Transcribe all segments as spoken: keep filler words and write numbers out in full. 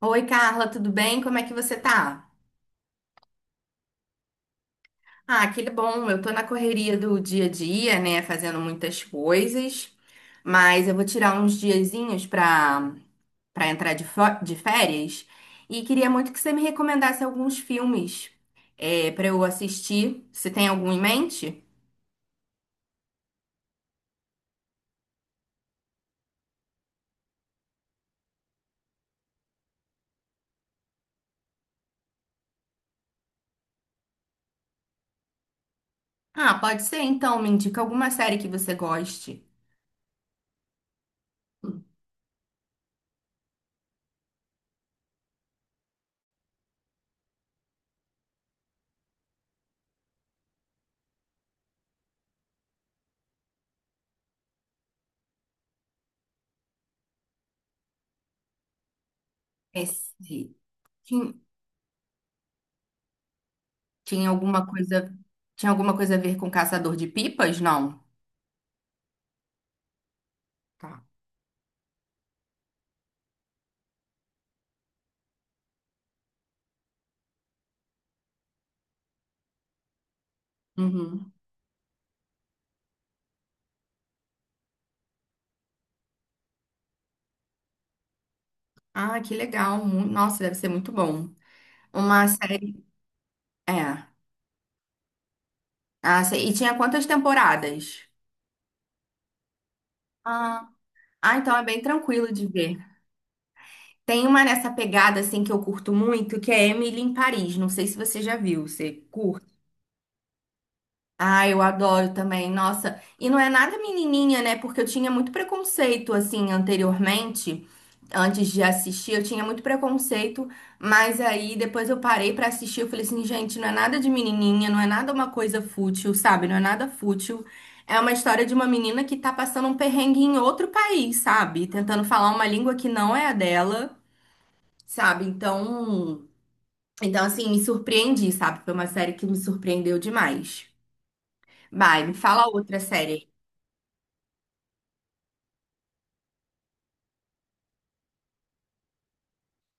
Oi, Carla, tudo bem? Como é que você tá? Ah, que bom. Eu tô na correria do dia a dia, né, fazendo muitas coisas, mas eu vou tirar uns diazinhos pra, pra entrar de, fo- de férias e queria muito que você me recomendasse alguns filmes é, pra eu assistir. Você tem algum em mente? Ah, pode ser então. Me indica alguma série que você goste. Esse- Tinha, tinha alguma coisa, tinha alguma coisa a ver com Caçador de Pipas? Não. Tá. Uhum. Ah, que legal. Mu- Nossa, deve ser muito bom. Uma série. É. Ah, sei. E tinha quantas temporadas? Ah, ah, então é bem tranquilo de ver. Tem uma nessa pegada, assim, que eu curto muito, que é Emily em Paris. Não sei se você já viu. Você curte? Ah, eu adoro também, nossa. E não é nada menininha, né? Porque eu tinha muito preconceito, assim, anteriormente, antes de assistir, eu tinha muito preconceito, mas aí depois eu parei pra assistir, eu falei assim, gente, não é nada de menininha, não é nada uma coisa fútil, sabe? Não é nada fútil. É uma história de uma menina que tá passando um perrengue em outro país, sabe? Tentando falar uma língua que não é a dela, sabe? Então, então assim, me surpreendi, sabe? Foi uma série que me surpreendeu demais. Vai, me fala outra série.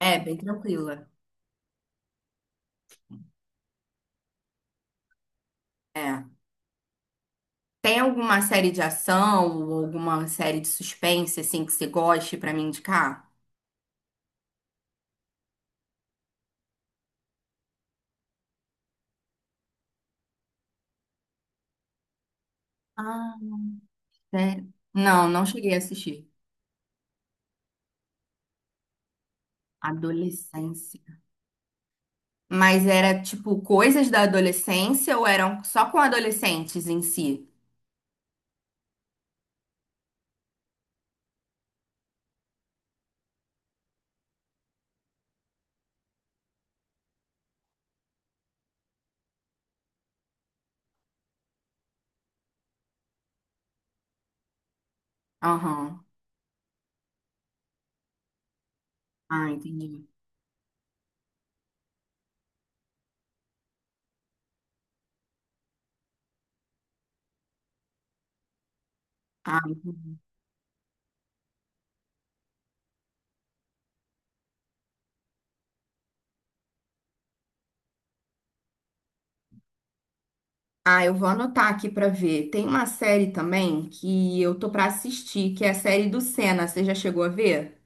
É, bem tranquila. É. Tem alguma série de ação ou alguma série de suspense, assim, que você goste pra me indicar? Ah, sério? Não, não cheguei a assistir. Adolescência. Mas era, tipo, coisas da adolescência ou eram só com adolescentes em si? Aham. Ah, entendi. Ah, entendi. Ah, eu vou anotar aqui pra ver. Tem uma série também que eu tô pra assistir, que é a série do Senna. Você já chegou a ver?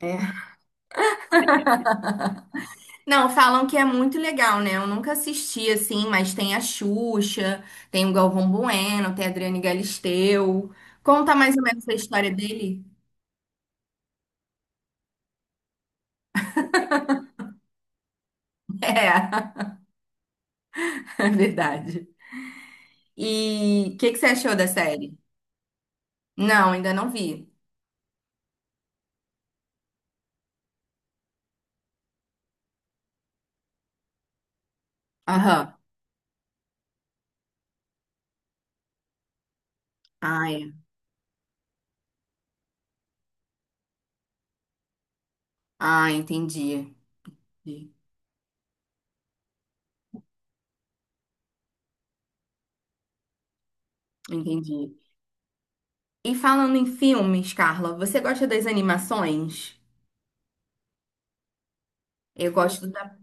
É. Não, falam que é muito legal, né? Eu nunca assisti assim, mas tem a Xuxa, tem o Galvão Bueno, tem a Adriane Galisteu. Conta mais ou menos a história dele. É, é verdade. E o que que você achou da série? Não, ainda não vi. Aham. Ah, é. Ah, entendi. Entendi. E falando em filmes, Carla, você gosta das animações? Eu gosto da.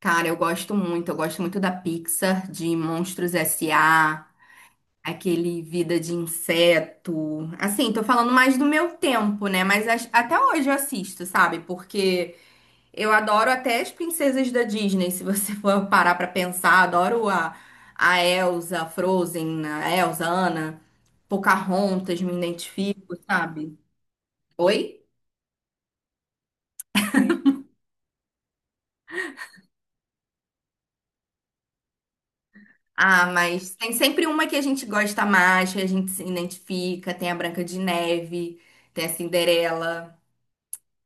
Cara, eu gosto muito. Eu gosto muito da Pixar, de Monstros S A. Aquele vida de inseto. Assim, tô falando mais do meu tempo, né? Mas as- até hoje eu assisto, sabe? Porque eu adoro até as princesas da Disney, se você for parar pra pensar. Adoro a, a Elsa, a Frozen, a Elsa, a Anna, Pocahontas, me identifico, sabe? Oi? Ah, mas tem sempre uma que a gente gosta mais, que a gente se identifica. Tem a Branca de Neve, tem a Cinderela.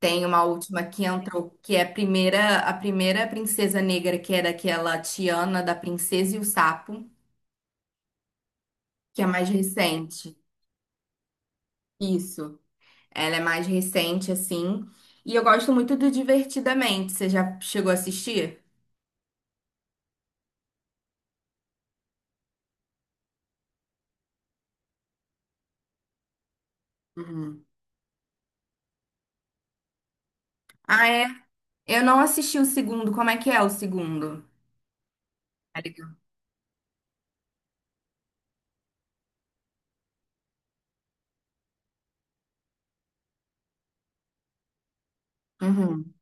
Tem uma última que entrou, que é a primeira, a primeira princesa negra, que era aquela Tiana da Princesa e o Sapo, que é mais recente. Isso. Ela é mais recente, assim. E eu gosto muito do Divertidamente. Você já chegou a assistir? Uhum. Ah, é? Eu não assisti o segundo. Como é que é o segundo? Tá legal. Uhum.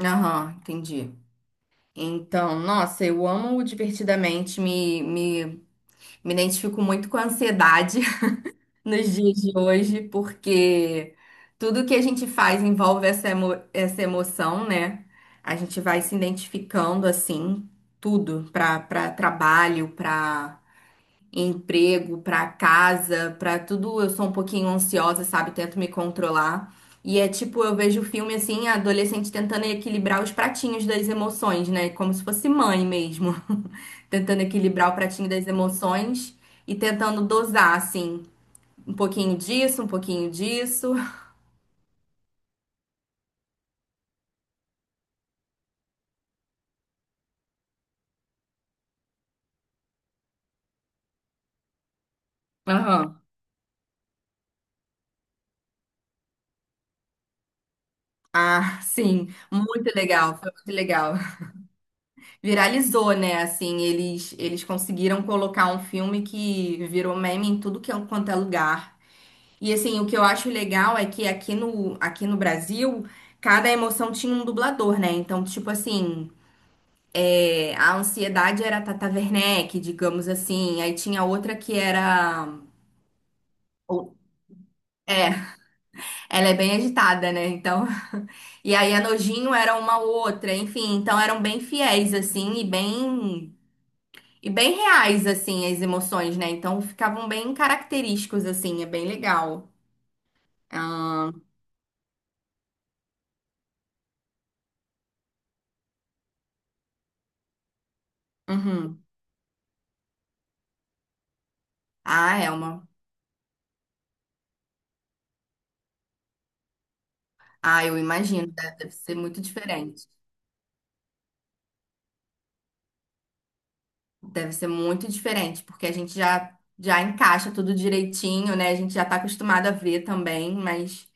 Aham, entendi. Então, nossa, eu amo o Divertidamente, me, me, me identifico muito com a ansiedade nos dias de hoje, porque tudo que a gente faz envolve essa, emo- essa emoção, né? A gente vai se identificando assim, tudo, para para trabalho, para emprego, para casa, para tudo. Eu sou um pouquinho ansiosa, sabe? Tento me controlar. E é tipo, eu vejo o filme assim, a adolescente tentando equilibrar os pratinhos das emoções, né? Como se fosse mãe mesmo. Tentando equilibrar o pratinho das emoções e tentando dosar, assim. Um pouquinho disso, um pouquinho disso. Aham. Ah, sim, muito legal, foi muito legal. Viralizou, né? Assim, eles eles conseguiram colocar um filme que virou meme em tudo que é- quanto é lugar. E assim, o que eu acho legal é que aqui no aqui no Brasil, cada emoção tinha um dublador, né? Então, tipo assim, é, a ansiedade era a Tata Werneck, digamos assim. Aí tinha outra que era. Ela é bem agitada, né? Então. E aí a Nojinho era uma ou outra, enfim, então eram bem fiéis, assim, e bem. E bem reais, assim, as emoções, né? Então ficavam bem característicos, assim, é bem legal. Ah, uhum. Ah, Elma. Ah, eu imagino, deve deve ser muito diferente. Deve ser muito diferente, porque a gente já, já encaixa tudo direitinho, né? A gente já tá acostumado a ver também, mas.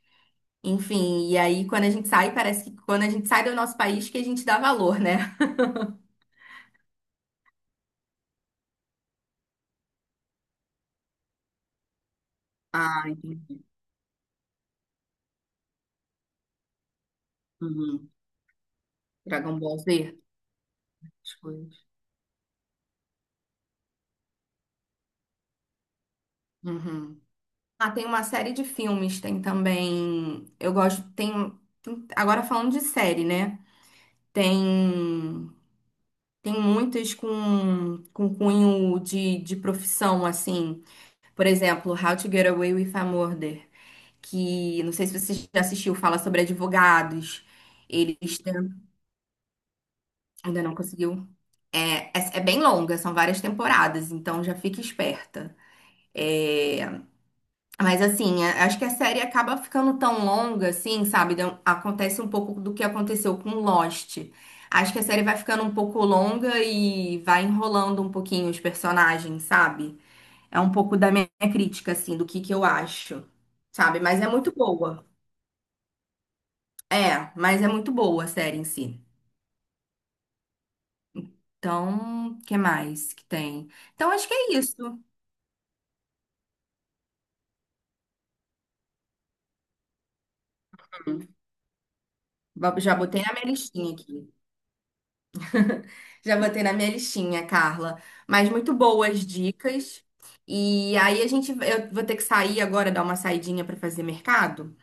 Enfim, e aí quando a gente sai, parece que quando a gente sai do nosso país que a gente dá valor, né? Ah, entendi. Uhum. Dragon Ball Z, as coisas. Uhum. Ah, tem uma série de filmes, tem também. Eu gosto, tem. tem- Agora falando de série, né? Tem. Tem muitas com, com cunho de, de profissão, assim. Por exemplo, How to Get Away with a Murder, que não sei se você já assistiu, fala sobre advogados. Eles tentam- ainda não conseguiu. É, é é bem longa, são várias temporadas, então já fica esperta. É, mas assim, a- acho que a série acaba ficando tão longa, assim, sabe? Deu- Acontece um pouco do que aconteceu com Lost. Acho que a série vai ficando um pouco longa e vai enrolando um pouquinho os personagens, sabe? É um pouco da minha crítica, assim, do que que eu acho, sabe? Mas é muito boa. É, mas é muito boa a série em si. Então, o que mais que tem? Então, acho que é isso. Bo- Já botei na minha listinha aqui. Já botei na minha listinha, Carla. Mas muito boas dicas. E aí a gente, eu vou ter que sair agora, dar uma saidinha para fazer mercado.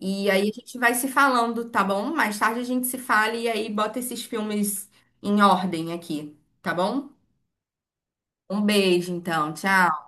E aí a gente vai se falando, tá bom? Mais tarde a gente se fala e aí bota esses filmes em ordem aqui, tá bom? Um beijo, então. Tchau.